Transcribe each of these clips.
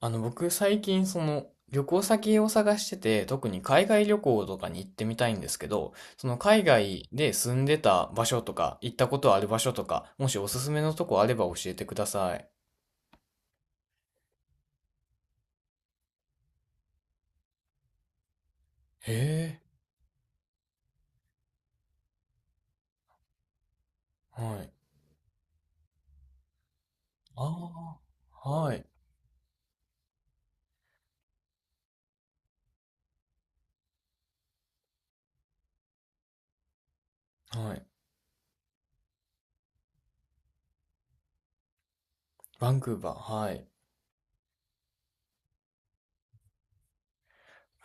僕最近その旅行先を探してて、特に海外旅行とかに行ってみたいんですけど、その海外で住んでた場所とか、行ったことある場所とか、もしおすすめのとこあれば教えてください。へえ、はい。ああ、はい、はい。バンクーバー、はい。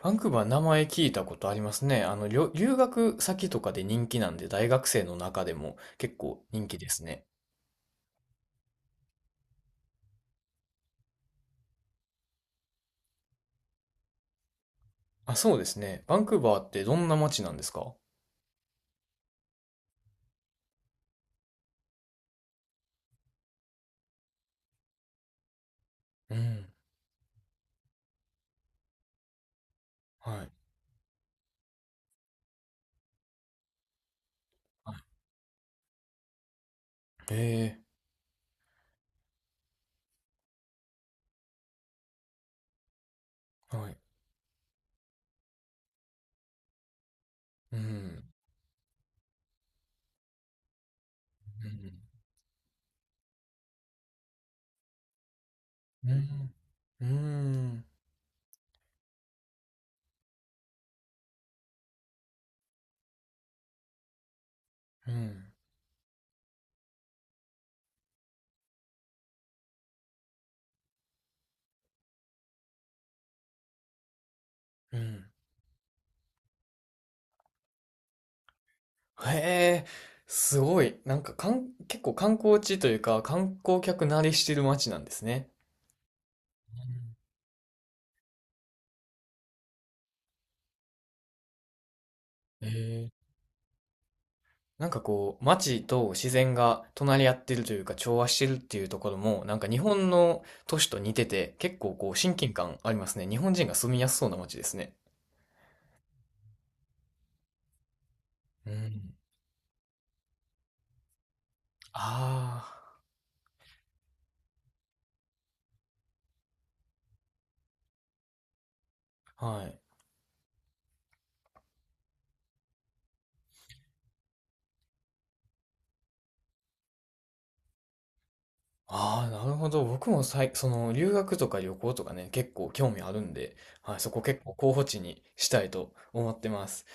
バンクーバー名前聞いたことありますね。留学先とかで人気なんで、大学生の中でも結構人気ですね。あ、そうですね。バンクーバーってどんな街なんですか？うん、はい。へえ、はい。うん。うん。うん。うん。うん。うん。へえ、すごい。なんか、結構観光地というか、観光客慣れしてる街なんですね。うん。へえ。なんかこう、街と自然が隣り合ってるというか、調和してるっていうところも、なんか日本の都市と似てて、結構こう、親近感ありますね。日本人が住みやすそうな街ですね。うん。ああ、はい。ああ、なるほど。僕もその留学とか旅行とかね、結構興味あるんで、はい、そこ結構候補地にしたいと思ってます。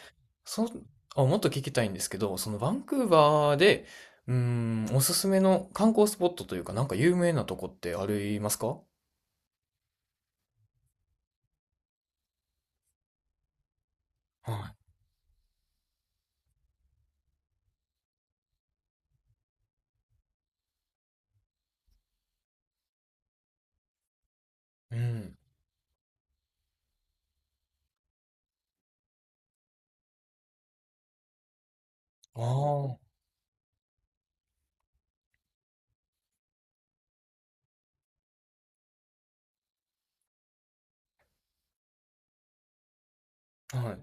その、あ、もっと聞きたいんですけど、そのバンクーバーで、うーおすすめの観光スポットというか、なんか有名なとこってありますか？はい。うん。ああ、はい、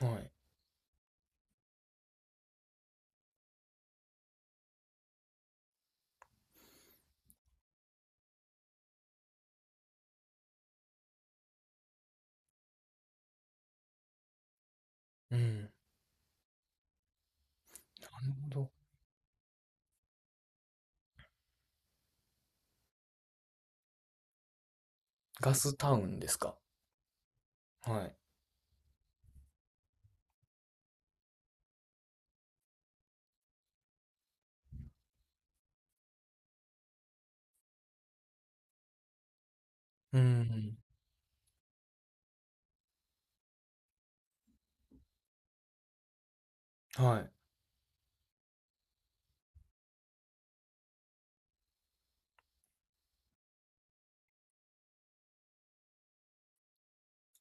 はい。うん。なるほど。ガスタウンですか？はい。うん。はい。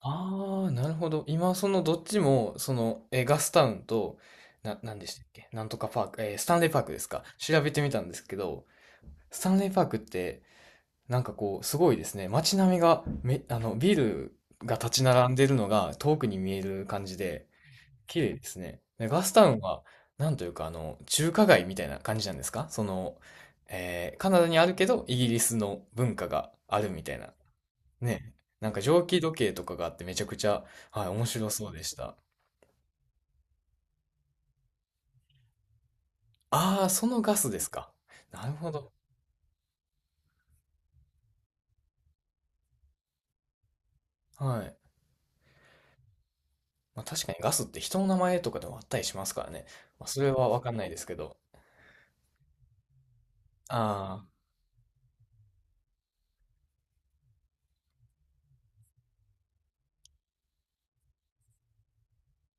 ああ、なるほど。今、そのどっちも、ガスタウンと、なんでしたっけ？なんとかパーク、スタンレーパークですか、調べてみたんですけど、スタンレーパークって、なんかこう、すごいですね。街並みが、ビルが立ち並んでるのが遠くに見える感じで、綺麗ですね。で、ガスタウンは、なんというか、中華街みたいな感じなんですか？カナダにあるけど、イギリスの文化があるみたいな。ね、なんか蒸気時計とかがあってめちゃくちゃ、はい、面白そうでした。ああ、そのガスですか？なるほど。はい。まあ確かにガスって人の名前とかでもあったりしますからね。まあそれはわかんないですけど。あ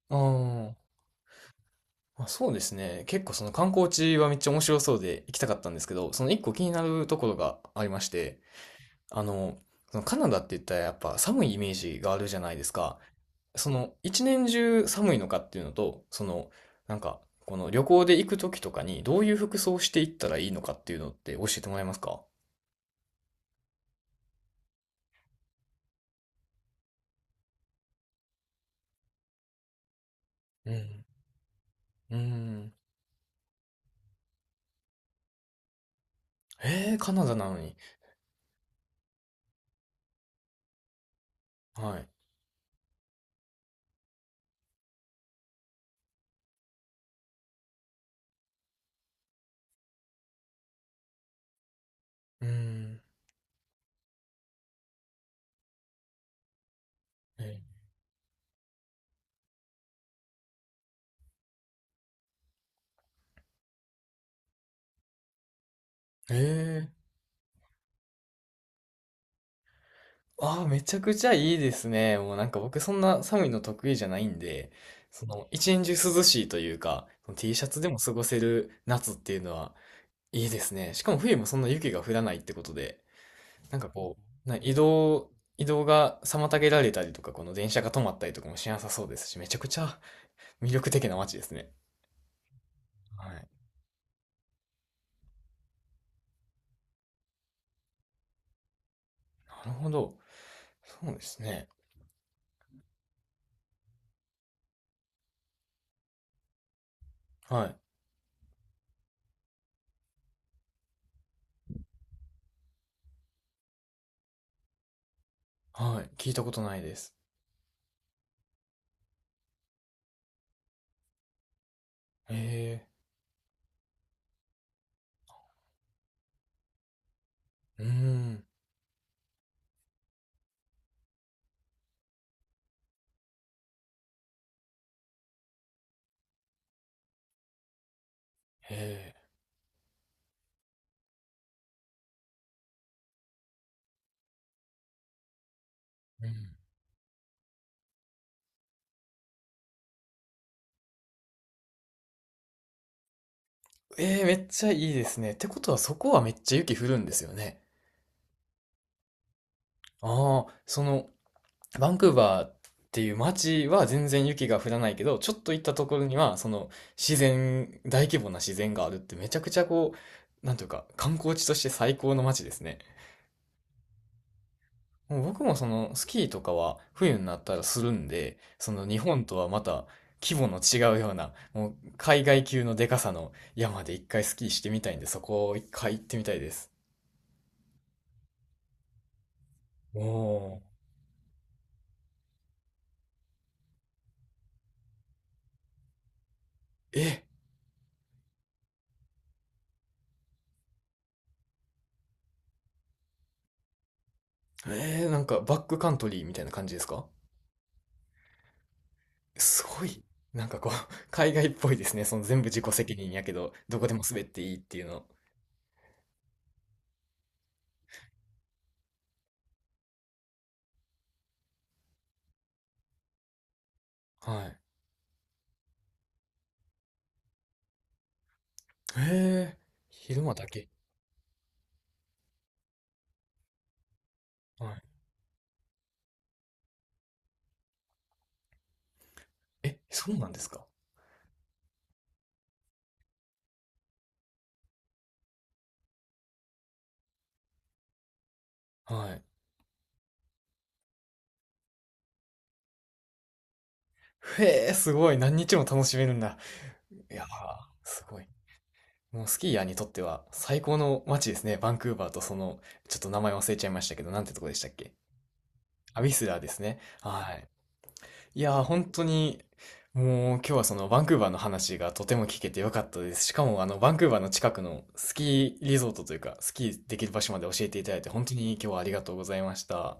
あ、うん。まあそうですね。結構その観光地はめっちゃ面白そうで行きたかったんですけど、その一個気になるところがありまして、あの、そのカナダって言ったらやっぱ寒いイメージがあるじゃないですか。その一年中寒いのかっていうのと、そのなんかこの旅行で行く時とかにどういう服装していったらいいのかっていうのって教えてもらえますか？うん。うん。えー、カナダなのに。はい。うん。えー、えー。ああ、めちゃくちゃいいですね。もうなんか僕そんな寒いの得意じゃないんで、その一年中涼しいというか、その Tシャツでも過ごせる夏っていうのはいいですね。しかも冬もそんな雪が降らないってことで、なんかこう、な移動、移動が妨げられたりとか、この電車が止まったりとかもしなさそうですし、めちゃくちゃ 魅力的な街ですね。はい。なるほど。そうですね。はい。はい。聞いたことないです。へえ。うーん。へえ。うん。えー、めっちゃいいですね。ってことはそこはめっちゃ雪降るんですよね。ああ、そのバンクーバーっていう街は全然雪が降らないけど、ちょっと行ったところには、その自然、大規模な自然があるってめちゃくちゃこう、なんというか、観光地として最高の街ですね。もう僕もそのスキーとかは冬になったらするんで、その日本とはまた規模の違うような、もう海外級のでかさの山で一回スキーしてみたいんで、そこを一回行ってみたいです。おー。え、えー、なんかバックカントリーみたいな感じですか？すごい。なんかこう、海外っぽいですね。その全部自己責任やけど、どこでも滑っていいっていうの。はい。へえ、昼間だけ。はい。え、そうなんですか？はい。へえ、すごい。何日も楽しめるんだ。いやー、すごい。もうスキーヤーにとっては最高の街ですね。バンクーバーとその、ちょっと名前忘れちゃいましたけど、なんてとこでしたっけ？アビスラーですね。はい。いやー、本当に、もう今日はそのバンクーバーの話がとても聞けてよかったです。しかもあのバンクーバーの近くのスキーリゾートというか、スキーできる場所まで教えていただいて本当に今日はありがとうございました。